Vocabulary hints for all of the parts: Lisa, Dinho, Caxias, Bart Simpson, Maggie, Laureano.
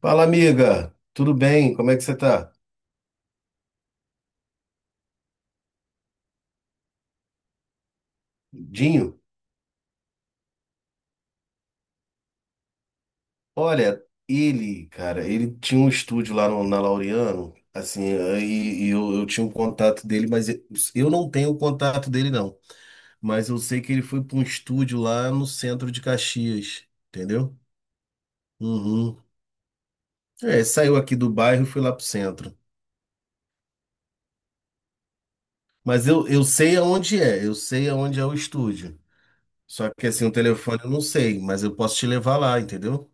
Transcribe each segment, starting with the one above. Fala, amiga. Tudo bem? Como é que você tá? Dinho? Olha, ele, cara, ele tinha um estúdio lá na Laureano, assim, e eu tinha um contato dele, mas eu não tenho o contato dele, não. Mas eu sei que ele foi para um estúdio lá no centro de Caxias, entendeu? Uhum. É, saiu aqui do bairro e foi lá pro centro. Mas eu sei aonde é, eu sei aonde é o estúdio. Só que assim, o telefone eu não sei, mas eu posso te levar lá, entendeu?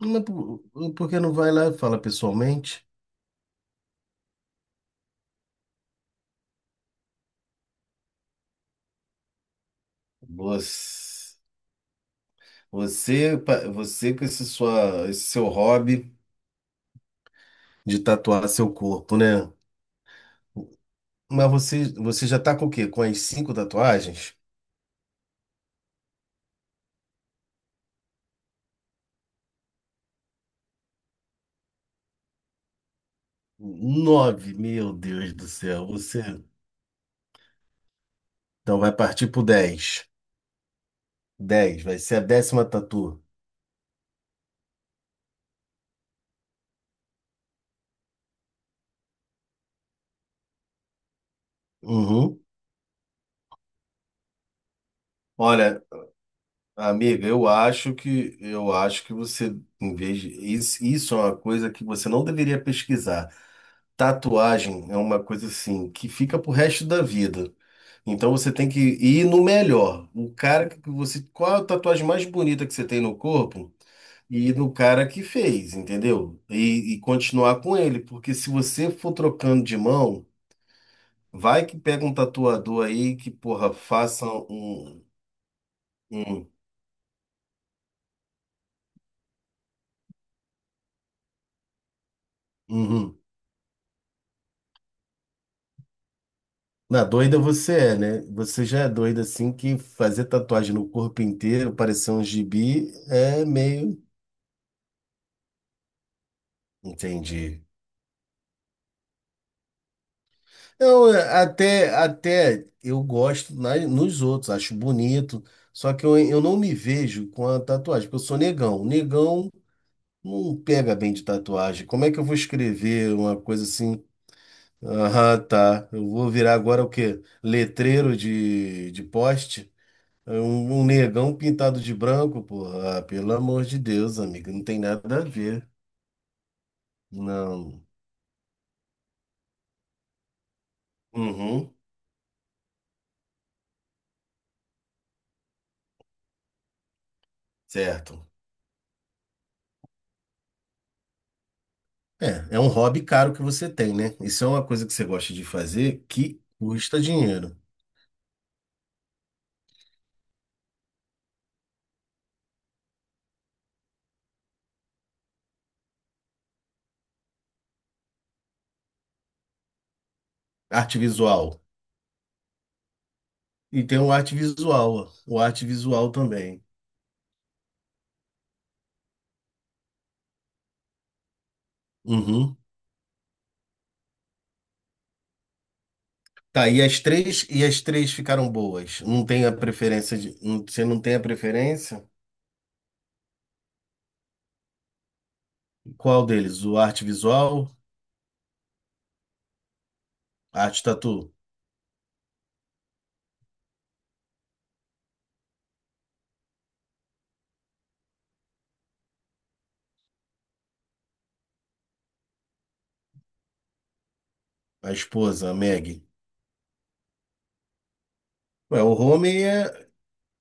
Mas por que não vai lá e fala pessoalmente? Você, você com esse seu hobby. De tatuar seu corpo, né? Mas você já tá com o quê? Com as cinco tatuagens? Nove, meu Deus do céu. Você. Então vai partir pro 10. Dez, vai ser a 10ª tatu. Uhum. Olha, amiga, eu acho que você, isso é uma coisa que você não deveria pesquisar. Tatuagem é uma coisa assim que fica pro resto da vida. Então você tem que ir no melhor. O cara que você. Qual a tatuagem mais bonita que você tem no corpo? E no cara que fez, entendeu? E continuar com ele. Porque se você for trocando de mão, vai que pega um tatuador aí que, porra, faça um. Um, uhum. Na doida você é, né? Você já é doida assim que fazer tatuagem no corpo inteiro, parecer um gibi, é meio. Entendi. Eu até eu gosto nos outros, acho bonito, só que eu não me vejo com a tatuagem, porque eu sou negão. Negão não pega bem de tatuagem. Como é que eu vou escrever uma coisa assim? Ah, tá. Eu vou virar agora o quê? Letreiro de poste? É um negão pintado de branco, porra. Ah, pelo amor de Deus, amigo, não tem nada a ver. Não. Uhum, certo. É, é um hobby caro que você tem, né? Isso é uma coisa que você gosta de fazer que custa dinheiro. Arte visual. E tem o arte visual também. Uhum. Tá, e as três ficaram boas. Não tem a preferência de, não- você não tem a preferência? Qual deles? O arte visual, a arte tatu, a esposa, a Maggie. Ué, o homem é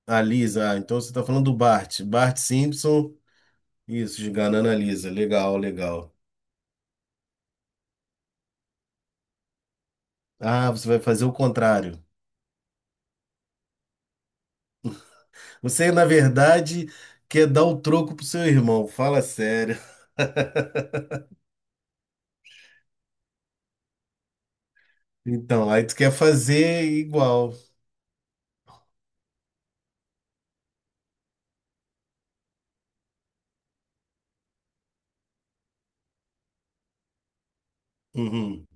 a Lisa, ah, então você tá falando do Bart. Bart Simpson, isso, de Ganana Lisa. Legal, legal. Ah, você vai fazer o contrário. Você, na verdade, quer dar o troco pro seu irmão, fala sério. Então, aí tu quer fazer igual. Uhum.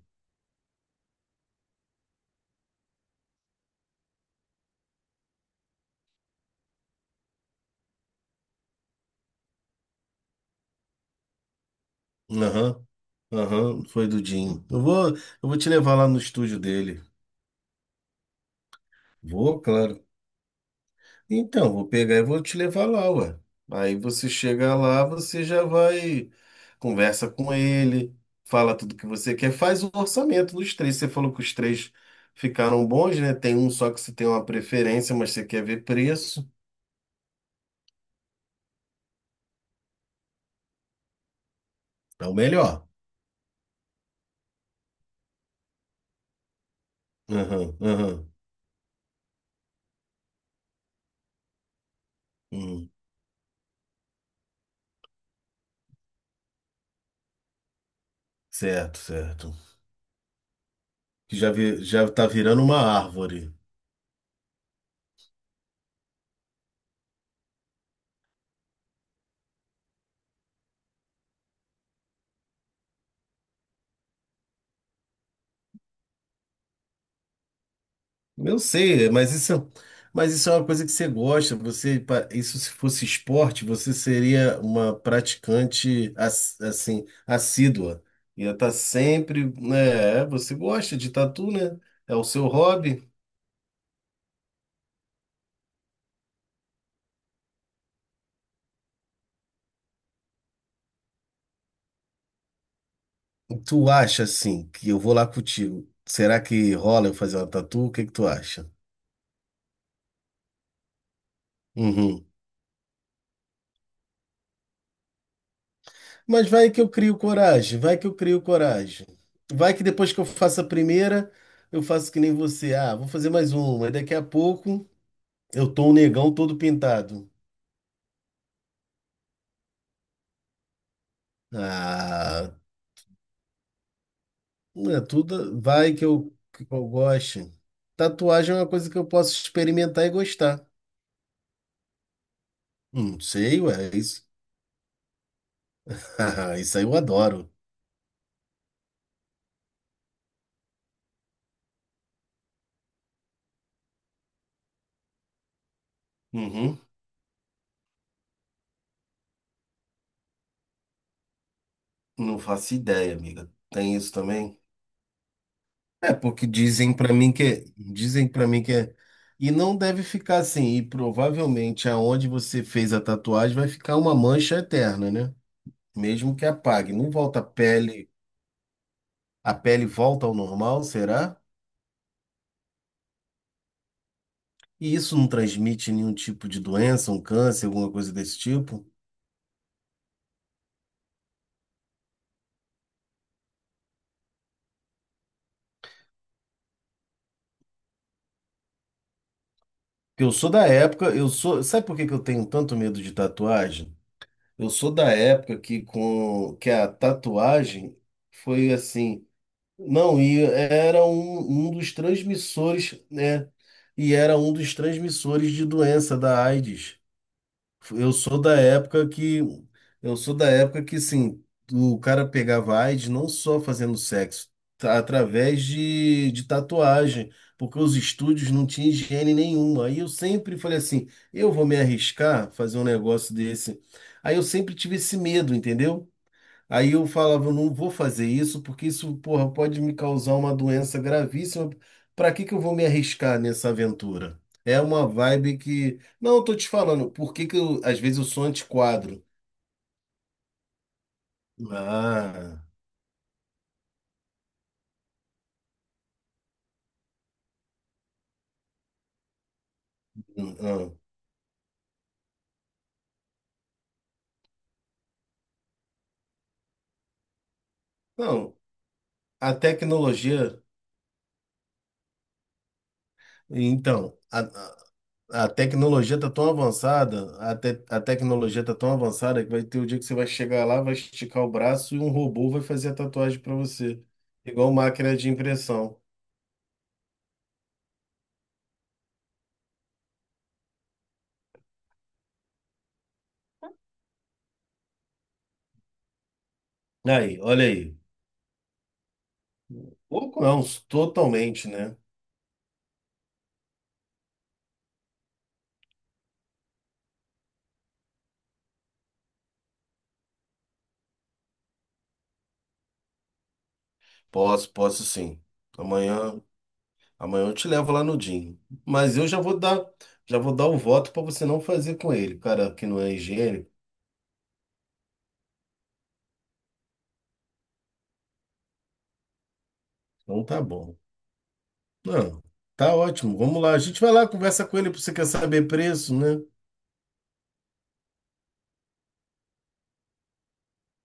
Aham. Aham, foi do Dinho. Eu vou te levar lá no estúdio dele. Vou, claro. Então, vou pegar e vou te levar lá, ué. Aí você chega lá, você já vai, conversa com ele, fala tudo que você quer, faz o orçamento dos três. Você falou que os três ficaram bons, né? Tem um só que você tem uma preferência, mas você quer ver preço. É o melhor. Aham, aham. Hum, certo, certo. Que já, vi, já tá virando uma árvore. Eu sei, mas mas isso é uma coisa que você gosta. Isso se fosse esporte, você seria uma praticante assim, assídua. Ia estar sempre, né? Você gosta de tatu, né? É o seu hobby. Tu acha assim que eu vou lá contigo? Será que rola eu fazer uma tatu? O que que tu acha? Uhum. Mas vai que eu crio coragem, vai que eu crio coragem. Vai que depois que eu faço a primeira, eu faço que nem você. Ah, vou fazer mais uma. E daqui a pouco eu tô um negão todo pintado. Ah, não é tudo. Vai que eu goste. Tatuagem é uma coisa que eu posso experimentar e gostar. Não sei, ué, é isso. Isso aí eu adoro. Uhum. Não faço ideia, amiga. Tem isso também? É, porque dizem pra mim que é, dizem para mim que é, e não deve ficar assim, e provavelmente aonde você fez a tatuagem vai ficar uma mancha eterna, né? Mesmo que apague, não volta a pele volta ao normal, será? E isso não transmite nenhum tipo de doença, um câncer, alguma coisa desse tipo? Eu sou da época, sabe por que que eu tenho tanto medo de tatuagem? Eu sou da época que com que a tatuagem foi assim. Não, e era um dos transmissores, né? E era um dos transmissores de doença da AIDS. Eu sou da época que eu sou da época que sim, o cara pegava AIDS não só fazendo sexo, tá, através de tatuagem, porque os estúdios não tinham higiene nenhuma. Aí eu sempre falei assim, eu vou me arriscar fazer um negócio desse. Aí eu sempre tive esse medo, entendeu? Aí eu falava, eu não vou fazer isso, porque isso, porra, pode me causar uma doença gravíssima. Pra que que eu vou me arriscar nessa aventura? É uma vibe que. Não, eu tô te falando, por que que eu, às vezes eu sou antiquadro. Ah, hum, hum. Não, a tecnologia. Então, a tecnologia tá tão avançada, a tecnologia tá tão avançada que vai ter o dia que você vai chegar lá, vai esticar o braço e um robô vai fazer a tatuagem pra você, igual máquina de impressão. Aí, olha aí. Pouco não, totalmente, né? Posso, posso sim. Amanhã, amanhã eu te levo lá no Dinho. Mas eu já vou dar o voto para você não fazer com ele, cara, que não é higiênico. Então tá bom. Não, tá ótimo. Vamos lá. A gente vai lá, conversa com ele, porque você quer saber preço, né?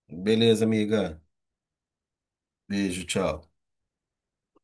Beleza, amiga. Beijo, tchau.